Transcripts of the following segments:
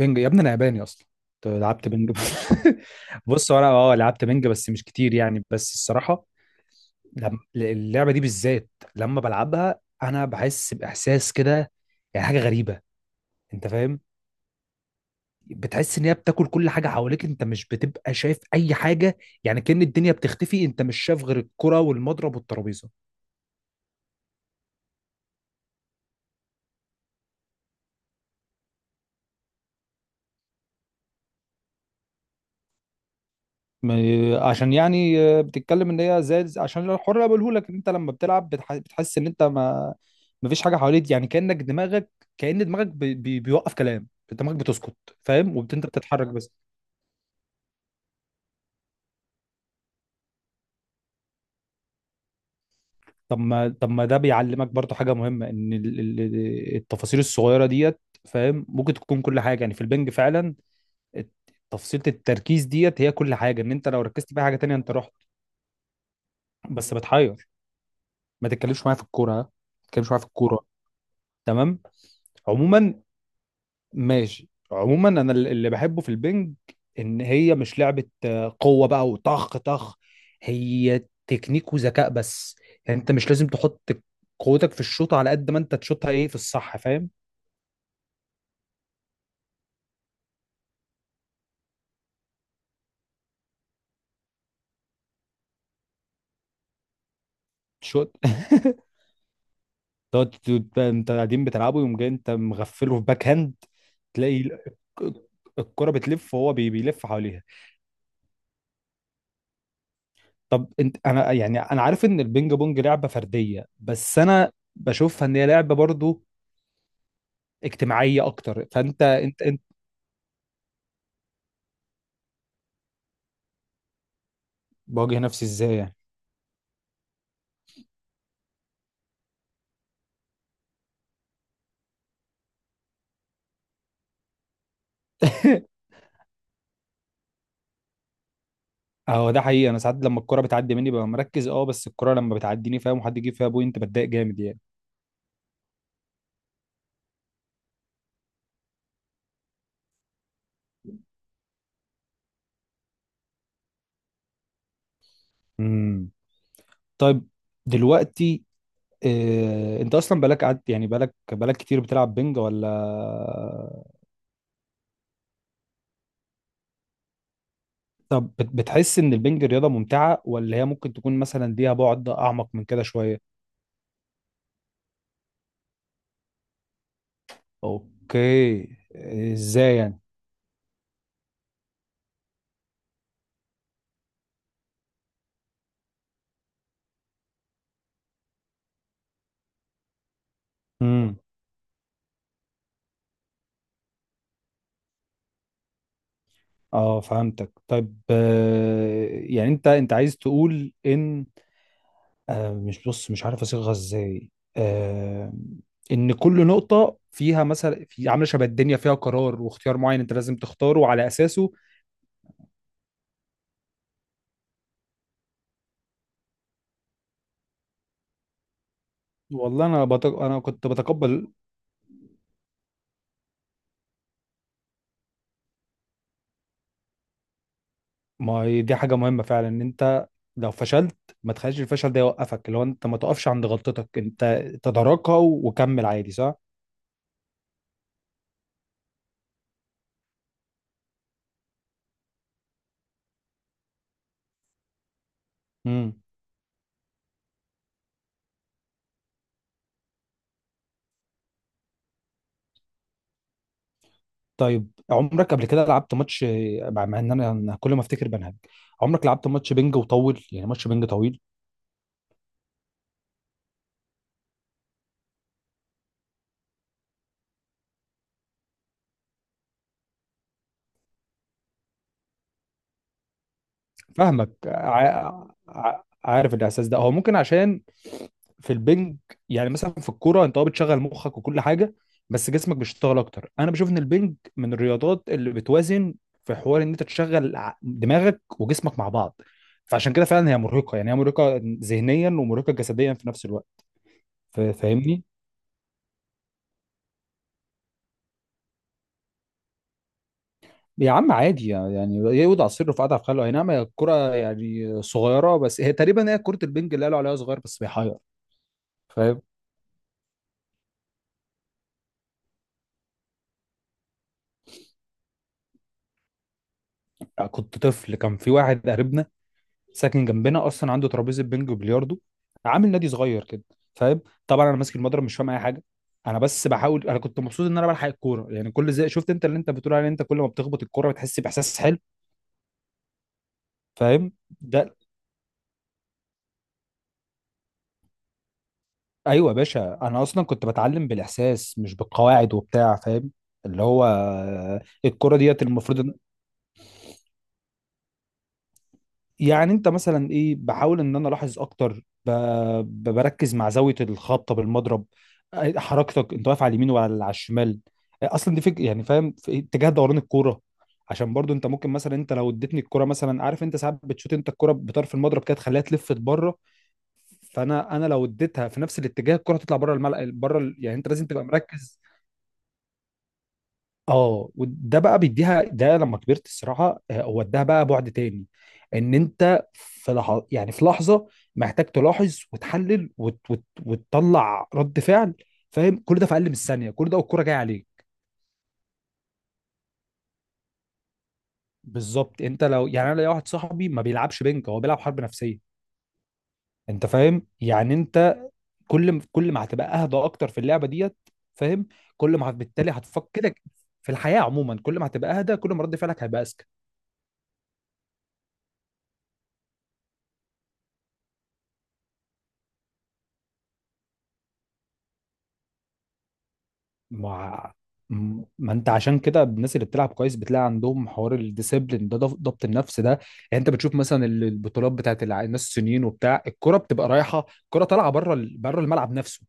بنج يا ابني انا ياباني اصلا. كنت لعبت بنج بص هو انا لعبت بنج بس مش كتير، يعني بس الصراحه لما اللعبه دي بالذات، لما بلعبها انا بحس باحساس كده، يعني حاجه غريبه. انت فاهم؟ بتحس ان هي بتاكل كل حاجه حواليك، انت مش بتبقى شايف اي حاجه، يعني كأن الدنيا بتختفي، انت مش شايف غير الكره والمضرب والترابيزه. عشان يعني، بتتكلم ان هي زي عشان الحر بقوله لك ان انت لما بتلعب بتحس ان انت ما. مفيش حاجه حواليك، يعني كانك دماغك، كأن دماغك بي بي بيوقف، كلام دماغك بتسكت. فاهم؟ وانت بتتحرك بس. طب ما ده بيعلمك برضو حاجه مهمه، ان التفاصيل الصغيره ديت، فاهم؟ ممكن تكون كل حاجه، يعني في البنج فعلا. الت- تفصيلة التركيز ديت هي كل حاجه، ان انت لو ركزت في حاجه تانية انت رحت، بس بتحير. ما تتكلمش معايا في الكوره، ها؟ ما تتكلمش معايا في الكوره. تمام. عموما ماشي، عموما انا اللي بحبه في البنج ان هي مش لعبه قوه بقى وطخ طخ، هي تكنيك وذكاء بس. يعني انت مش لازم تحط قوتك في الشوط، على قد ما انت تشوطها ايه في الصح، فاهم؟ تشوط تقعد انت قاعدين بتلعبوا، يوم جاي انت مغفله في باك هاند، تلاقي الك- الكرة بتلف وهو بيلف حواليها. طب انا، يعني انا عارف ان البينج بونج لعبة فردية، بس انا بشوفها ان هي لعبة برضو اجتماعيه اكتر، فانت انت انت. بواجه نفسي ازاي يعني؟ اهو ده حقيقي، انا ساعات لما الكرة بتعدي مني ببقى مركز، اه، بس الكرة لما بتعديني فاهم، وحد يجيب فيها بوينت بتضايق جامد يعني. امم. طيب، دلوقتي، انت اصلا بقالك قعدت، يعني بقالك كتير بتلعب بنج ولا؟ طب بتحس ان البنج رياضة ممتعة، ولا هي ممكن تكون مثلا ليها بعد اعمق من كده شوية؟ اوكي، ازاي يعني؟ اه فهمتك، طيب، يعني انت عايز تقول ان، مش، بص مش عارف اصيغها ازاي، آه، ان كل نقطة فيها مثلا، في عاملة شبه الدنيا، فيها قرار واختيار معين انت لازم تختاره وعلى اساسه. والله انا كنت بتقبل. ما هي دي حاجة مهمة فعلا، ان انت لو فشلت ما تخليش الفشل ده يوقفك، اللي هو انت ما تقفش عند غلطتك، انت تداركها وكمل عادي، صح؟ مم. طيب، عمرك قبل كده لعبت ماتش مع؟ ان انا كل ما افتكر بنهج، عمرك لعبت ماتش بينج وطول، يعني ماتش بينج طويل؟ فاهمك، عارف الاحساس ده، هو ممكن عشان في البنج، يعني مثلا في الكوره انت بتشغل مخك وكل حاجه، بس جسمك بيشتغل اكتر. انا بشوف ان البنج من الرياضات اللي بتوازن، في حوار ان انت تشغل دماغك وجسمك مع بعض، فعشان كده فعلا هي مرهقه، يعني هي مرهقه ذهنيا ومرهقه جسديا في نفس الوقت. فاهمني؟ يا عم عادي، يعني يقعد على السر وقعد على خاله، اي نعم هي الكرة يعني صغيرة، بس هي تقريبا، هي كرة البنج اللي قالوا عليها صغير بس بيحير، فاهم؟ يعني كنت طفل، كان في واحد قريبنا ساكن جنبنا، اصلا عنده ترابيزة بنج وبلياردو، عامل نادي صغير كده، فاهم؟ طبعا انا ماسك المضرب مش فاهم اي حاجة، انا بس بحاول، انا كنت مبسوط ان انا بلحق الكورة، يعني كل زي شفت انت اللي انت بتقول عليه، انت كل ما بتخبط الكورة بتحس باحساس حلو، فاهم ده؟ ايوه يا باشا، انا اصلا كنت بتعلم بالاحساس مش بالقواعد وبتاع، فاهم؟ اللي هو الكرة ديت المفروض إن-. يعني انت مثلا ايه، بحاول ان انا الاحظ اكتر، بركز مع زاوية الخبطة بالمضرب، حركتك، انت واقف على اليمين ولا على الشمال، اصلا دي فكرة، يعني فاهم؟ في اتجاه دوران الكورة، عشان برضو انت ممكن مثلا، انت لو اديتني الكرة مثلا، عارف انت ساعات بتشوت انت الكرة بطرف المضرب كده تخليها تلف بره، فانا لو اديتها في نفس الاتجاه الكرة هتطلع بره الملعب، يعني انت لازم تبقى مركز. اه، وده بقى بيديها، ده لما كبرت الصراحه، وداها بقى بعد تاني، ان انت في لحظه، يعني في لحظه محتاج تلاحظ وتحلل وتطلع رد فعل، فاهم؟ كل ده في اقل من الثانيه، كل ده والكوره جايه عليك. بالظبط، انت لو يعني، انا ليا واحد صاحبي ما بيلعبش بنك، هو بيلعب حرب نفسيه. انت فاهم؟ يعني انت كل ما هتبقى اهدى اكتر في اللعبه ديت، فاهم؟ كل ما هت- بالتالي هتفكر كده، في الحياه عموما كل ما هتبقى اهدى، كل ما رد فعلك هيبقى اذكى. ما ما انت عشان كده الناس اللي بتلعب كويس بتلاقي عندهم حوار الديسيبلين ده، ضبط النفس ده يعني. انت بتشوف مثلا البطولات بتاعت الناس الصينيين وبتاع، الكرة بتبقى رايحة، الكرة طالعة بره الملعب نفسه،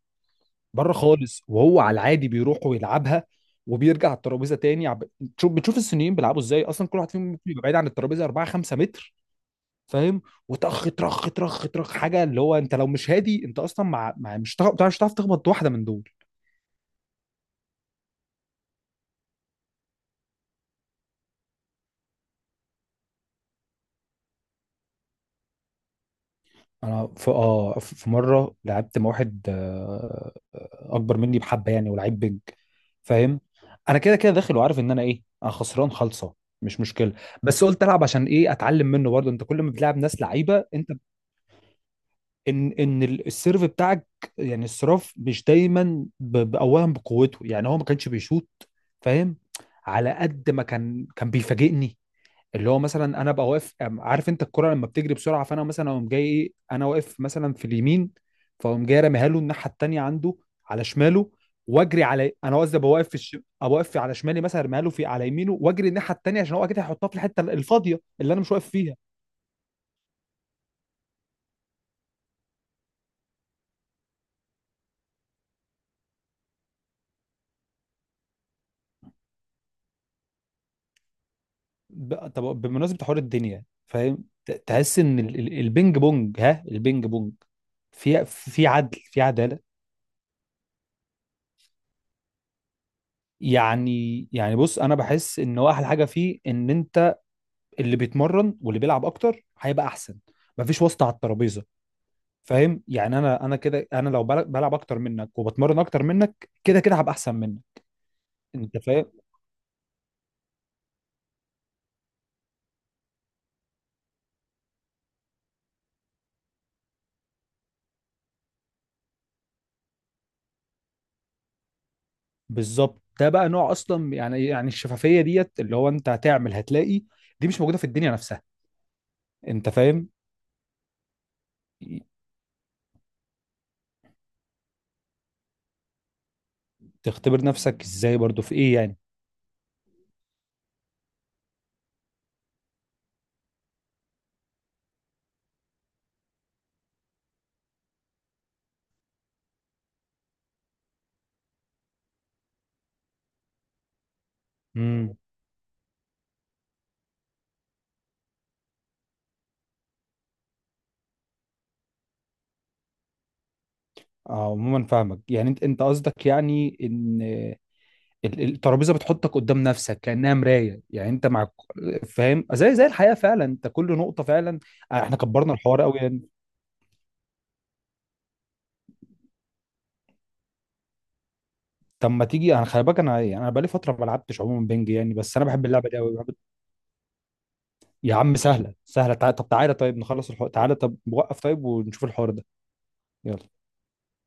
بره خالص، وهو على العادي بيروح ويلعبها وبيرجع على الترابيزة تاني بتشوف الصينيين بيلعبوا ازاي، اصلا كل واحد فيهم ممكن يبقى بعيد عن الترابيزة 4 5 متر، فاهم؟ وطخ طخ طخ طخ حاجه، اللي هو انت لو مش هادي انت اصلا مع، مش هتعرف تخبط واحده من دول. انا في اه في في مره لعبت مع واحد، اكبر مني بحبه يعني، ولعيب بيج، فاهم؟ انا كده كده داخل وعارف ان انا ايه، انا خسران خالصه، مش مشكله، بس قلت العب عشان ايه؟ اتعلم منه برضه، انت كل ما بتلعب ناس لعيبه انت، ان السيرف بتاعك، يعني الصراف مش دايما اولا بقوته، يعني هو ما كانش بيشوط، فاهم؟ على قد ما كان بيفاجئني، اللي هو مثلا انا ابقى واقف، عارف انت الكرة لما بتجري بسرعة، فانا مثلا اقوم جاي ايه، انا واقف مثلا في اليمين، فاقوم جاي راميها له الناحية التانية عنده، على شماله، واجري على، انا قصدي ابقى واقف ابقى واقف على شمالي، مثلا ارميها له في على يمينه واجري الناحية التانية، عشان هو اكيد هيحطها في الحتة الفاضية اللي انا مش واقف فيها. طب بمناسبة حوار الدنيا، فاهم؟ تحس ان البينج بونج، ها البينج بونج في عدل، في عدالة. يعني بص انا بحس ان هو احلى حاجة فيه، ان انت اللي بيتمرن واللي بيلعب اكتر هيبقى احسن، مفيش واسطه على الترابيزه، فاهم؟ يعني انا كده، انا لو بلعب اكتر منك وبتمرن اكتر منك كده كده هبقى احسن منك. انت فاهم؟ بالظبط، ده بقى نوع اصلا، يعني الشفافيه ديت، اللي هو انت هتعمل هتلاقي دي مش موجوده في الدنيا نفسها. انت فاهم؟ تختبر نفسك ازاي برضو، في ايه يعني؟ امم. عموما فاهمك، يعني انت قصدك يعني ان الترابيزه بتحطك قدام نفسك كانها مرايه، يعني انت مع، فاهم؟ زي زي الحياه فعلا، انت كل نقطه فعلا، احنا كبرنا الحوار قوي يعني. طب ما تيجي، انا خلي بالك انا، يعني انا بقالي فتره ما لعبتش عموما بنج، يعني بس انا بحب اللعبه دي قوي. يا عم سهله سهله، طب تعالى، طيب نخلص الحوار، تعالى، طب وقف، طيب ونشوف الحوار ده، يلا.